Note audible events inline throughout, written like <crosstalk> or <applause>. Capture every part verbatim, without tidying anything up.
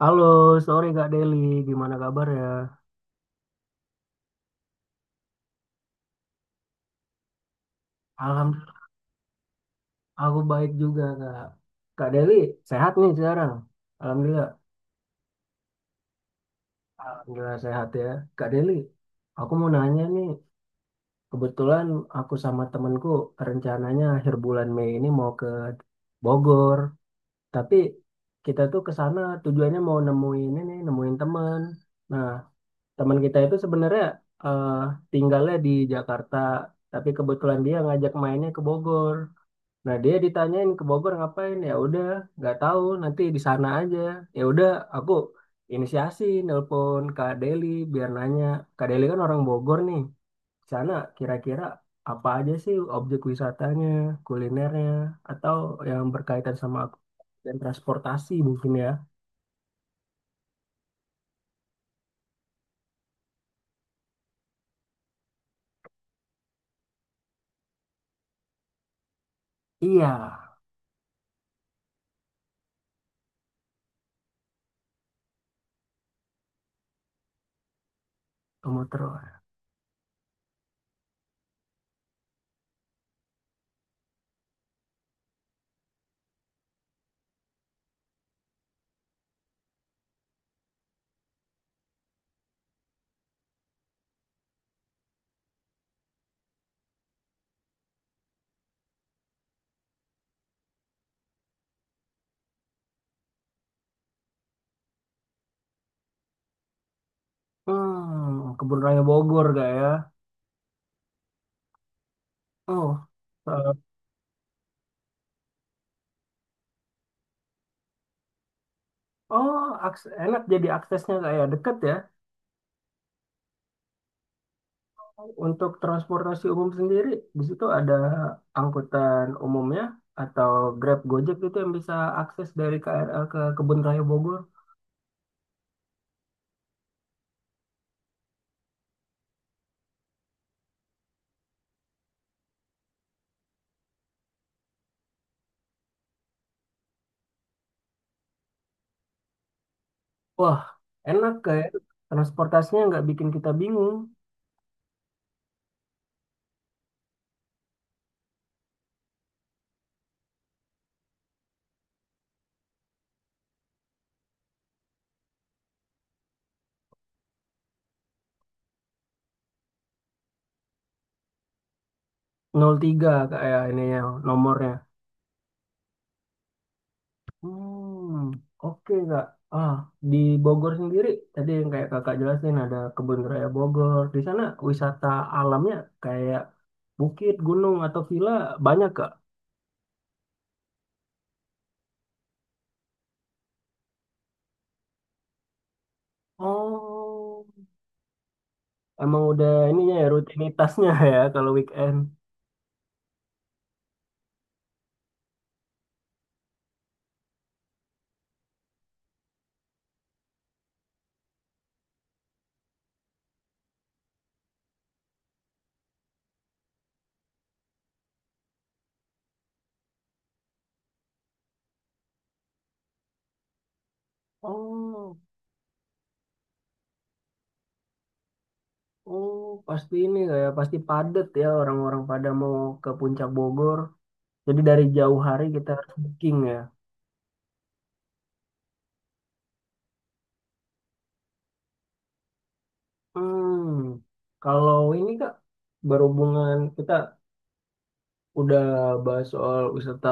Halo, sore Kak Deli, gimana kabar ya? Alhamdulillah, aku baik juga Kak. Kak Deli, sehat nih sekarang. Alhamdulillah. Alhamdulillah sehat ya. Kak Deli, aku mau nanya nih, kebetulan aku sama temenku rencananya akhir bulan Mei ini mau ke Bogor, tapi kita tuh ke sana tujuannya mau nemuin ini, nemuin temen. Nah, teman kita itu sebenarnya eh, tinggalnya di Jakarta, tapi kebetulan dia ngajak mainnya ke Bogor. Nah dia ditanyain ke Bogor ngapain ya udah nggak tahu nanti di sana aja, ya udah aku inisiasi nelpon Kak Deli biar nanya. Kak Deli kan orang Bogor nih, di sana kira-kira apa aja sih objek wisatanya, kulinernya, atau yang berkaitan sama aku dan transportasi mungkin ya. Iya, kamu terus hmm kebun raya Bogor gak ya. Oh. eh, oh aks- Enak jadi aksesnya gak ya, deket ya. Untuk transportasi umum sendiri, di situ ada angkutan umumnya atau Grab Gojek itu yang bisa akses dari K R L ke Kebun Raya Bogor. Wah, enak, kayak transportasinya nggak bikin kita bingung. Nol tiga kayak ini ya nomornya. Hmm, oke Kak. Ah, di Bogor sendiri tadi yang kayak Kakak jelasin ada Kebun Raya Bogor. Di sana wisata alamnya kayak bukit, gunung atau villa banyak Kak. Oh, emang udah ininya ya rutinitasnya <laughs> ya kalau weekend. Oh, oh pasti ini kayak pasti padat ya orang-orang pada mau ke Puncak Bogor. Jadi dari jauh hari kita harus booking ya. Hmm, kalau ini Kak, berhubungan kita udah bahas soal wisata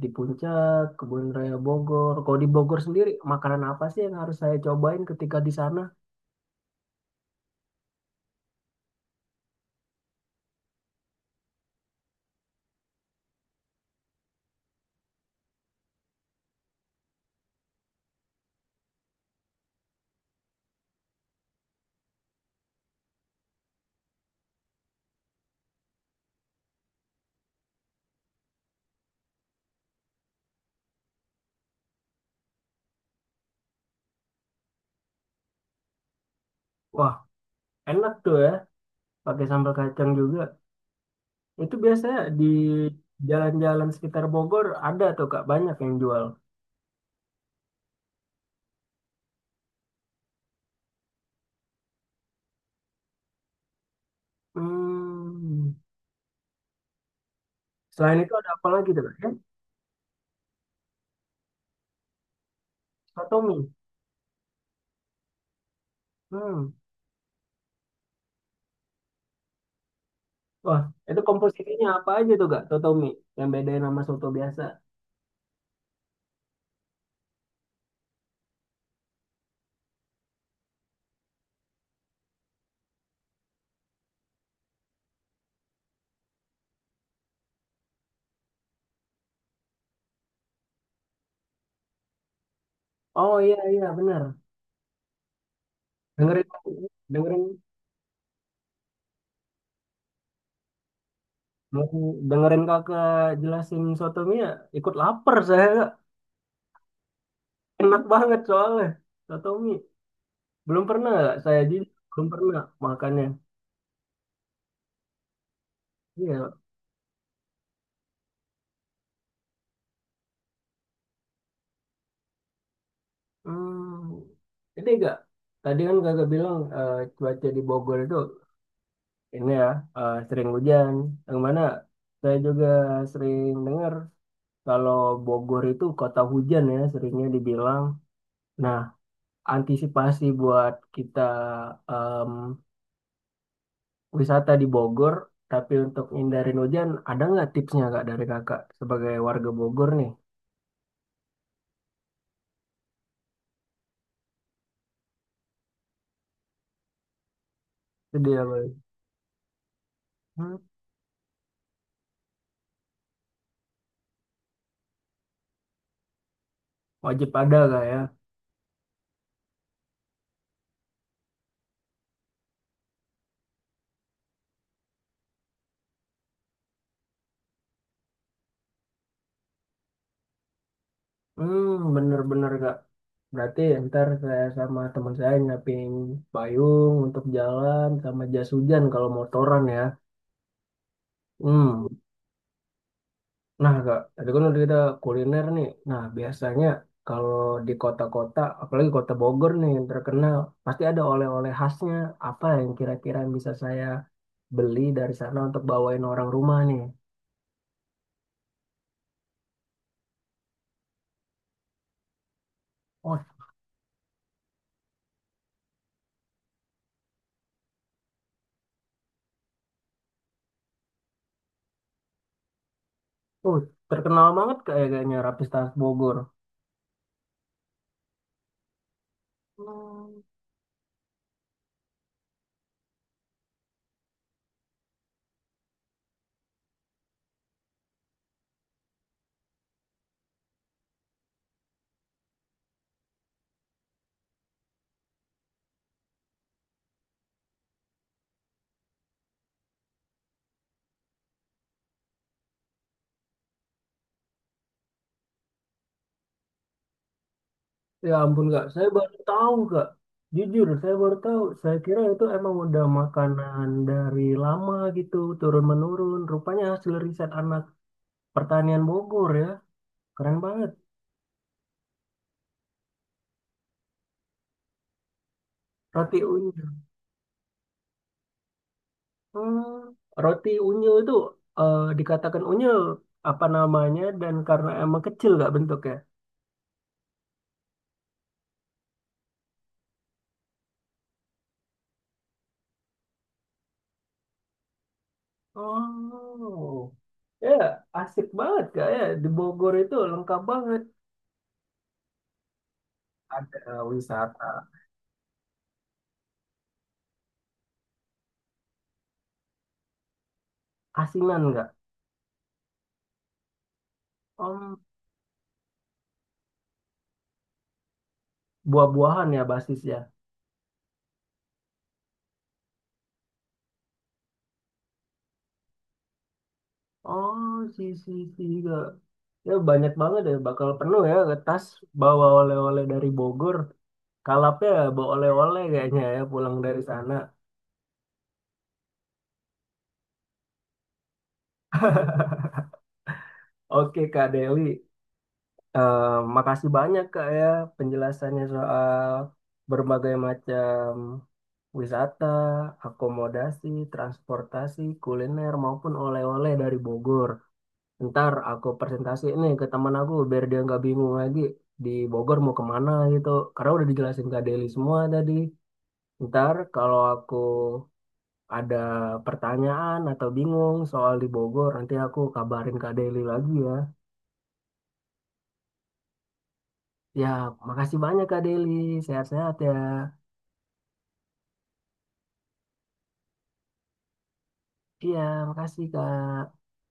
di Puncak, Kebun Raya Bogor. Kalau di Bogor sendiri makanan apa sih yang harus saya cobain ketika di sana? Wah, enak tuh ya, pakai sambal kacang juga. Itu biasanya di jalan-jalan sekitar Bogor ada tuh Kak, banyak yang jual. Hmm. Selain itu ada apa lagi tuh Kak? Ya? Sotomi. Hmm. Wah, itu komposisinya apa aja tuh Kak, Sotomi? Yang bedain sama soto biasa. Oh iya, iya benar. Dengerin, dengerin, dengerin kakak jelasin sotomi ya, ikut lapar saya Kak. Enak banget soalnya, sotomi. Belum pernah Kak, saya jujur belum pernah makannya. Iya. Hmm, ini enggak. Tadi kan kakak bilang eh, cuaca di Bogor itu ini ya, eh, sering hujan. Yang mana saya juga sering dengar kalau Bogor itu kota hujan ya seringnya dibilang. Nah, antisipasi buat kita em, wisata di Bogor, tapi untuk hindarin hujan, ada nggak tipsnya kak dari kakak sebagai warga Bogor nih? Itu dia Boy. Hmm, wajib ada kak ya. Hmm, bener-bener kak. Berarti ntar saya sama teman saya nyiapin payung untuk jalan sama jas hujan kalau motoran ya. Hmm. Nah, Kak, tadi kan udah kita kuliner nih. Nah, biasanya kalau di kota-kota, apalagi kota Bogor nih yang terkenal, pasti ada oleh-oleh khasnya. Apa yang kira-kira yang bisa saya beli dari sana untuk bawain orang rumah nih? Oh, oh, terkenal banget kayak- kayaknya Rapis Khas Bogor. Ya ampun kak, saya baru tahu kak. Jujur, saya baru tahu. Saya kira itu emang udah makanan dari lama gitu, turun menurun. Rupanya hasil riset anak pertanian Bogor ya, keren banget. Roti unyu. Hmm, roti unyu itu eh, dikatakan unyu apa namanya dan karena emang kecil kak bentuknya. Oh, ya asik banget kak ya di Bogor itu lengkap banget. Ada wisata asinan nggak Om, buah-buahan ya basisnya. Oh, si si si juga. Ya banyak banget ya, bakal penuh ya ke tas bawa oleh-oleh dari Bogor. Kalapnya bawa oleh-oleh kayaknya ya pulang dari sana. Oke Kak Deli, Eh, makasih banyak Kak ya penjelasannya soal berbagai macam wisata, akomodasi, transportasi, kuliner maupun oleh-oleh dari Bogor. Ntar aku presentasi ini ke teman aku biar dia nggak bingung lagi di Bogor mau kemana gitu, karena udah dijelasin Kak Deli semua tadi. Ntar kalau aku ada pertanyaan atau bingung soal di Bogor nanti aku kabarin Kak Deli lagi ya. Ya, makasih banyak Kak Deli, sehat-sehat ya. Iya, makasih Kak.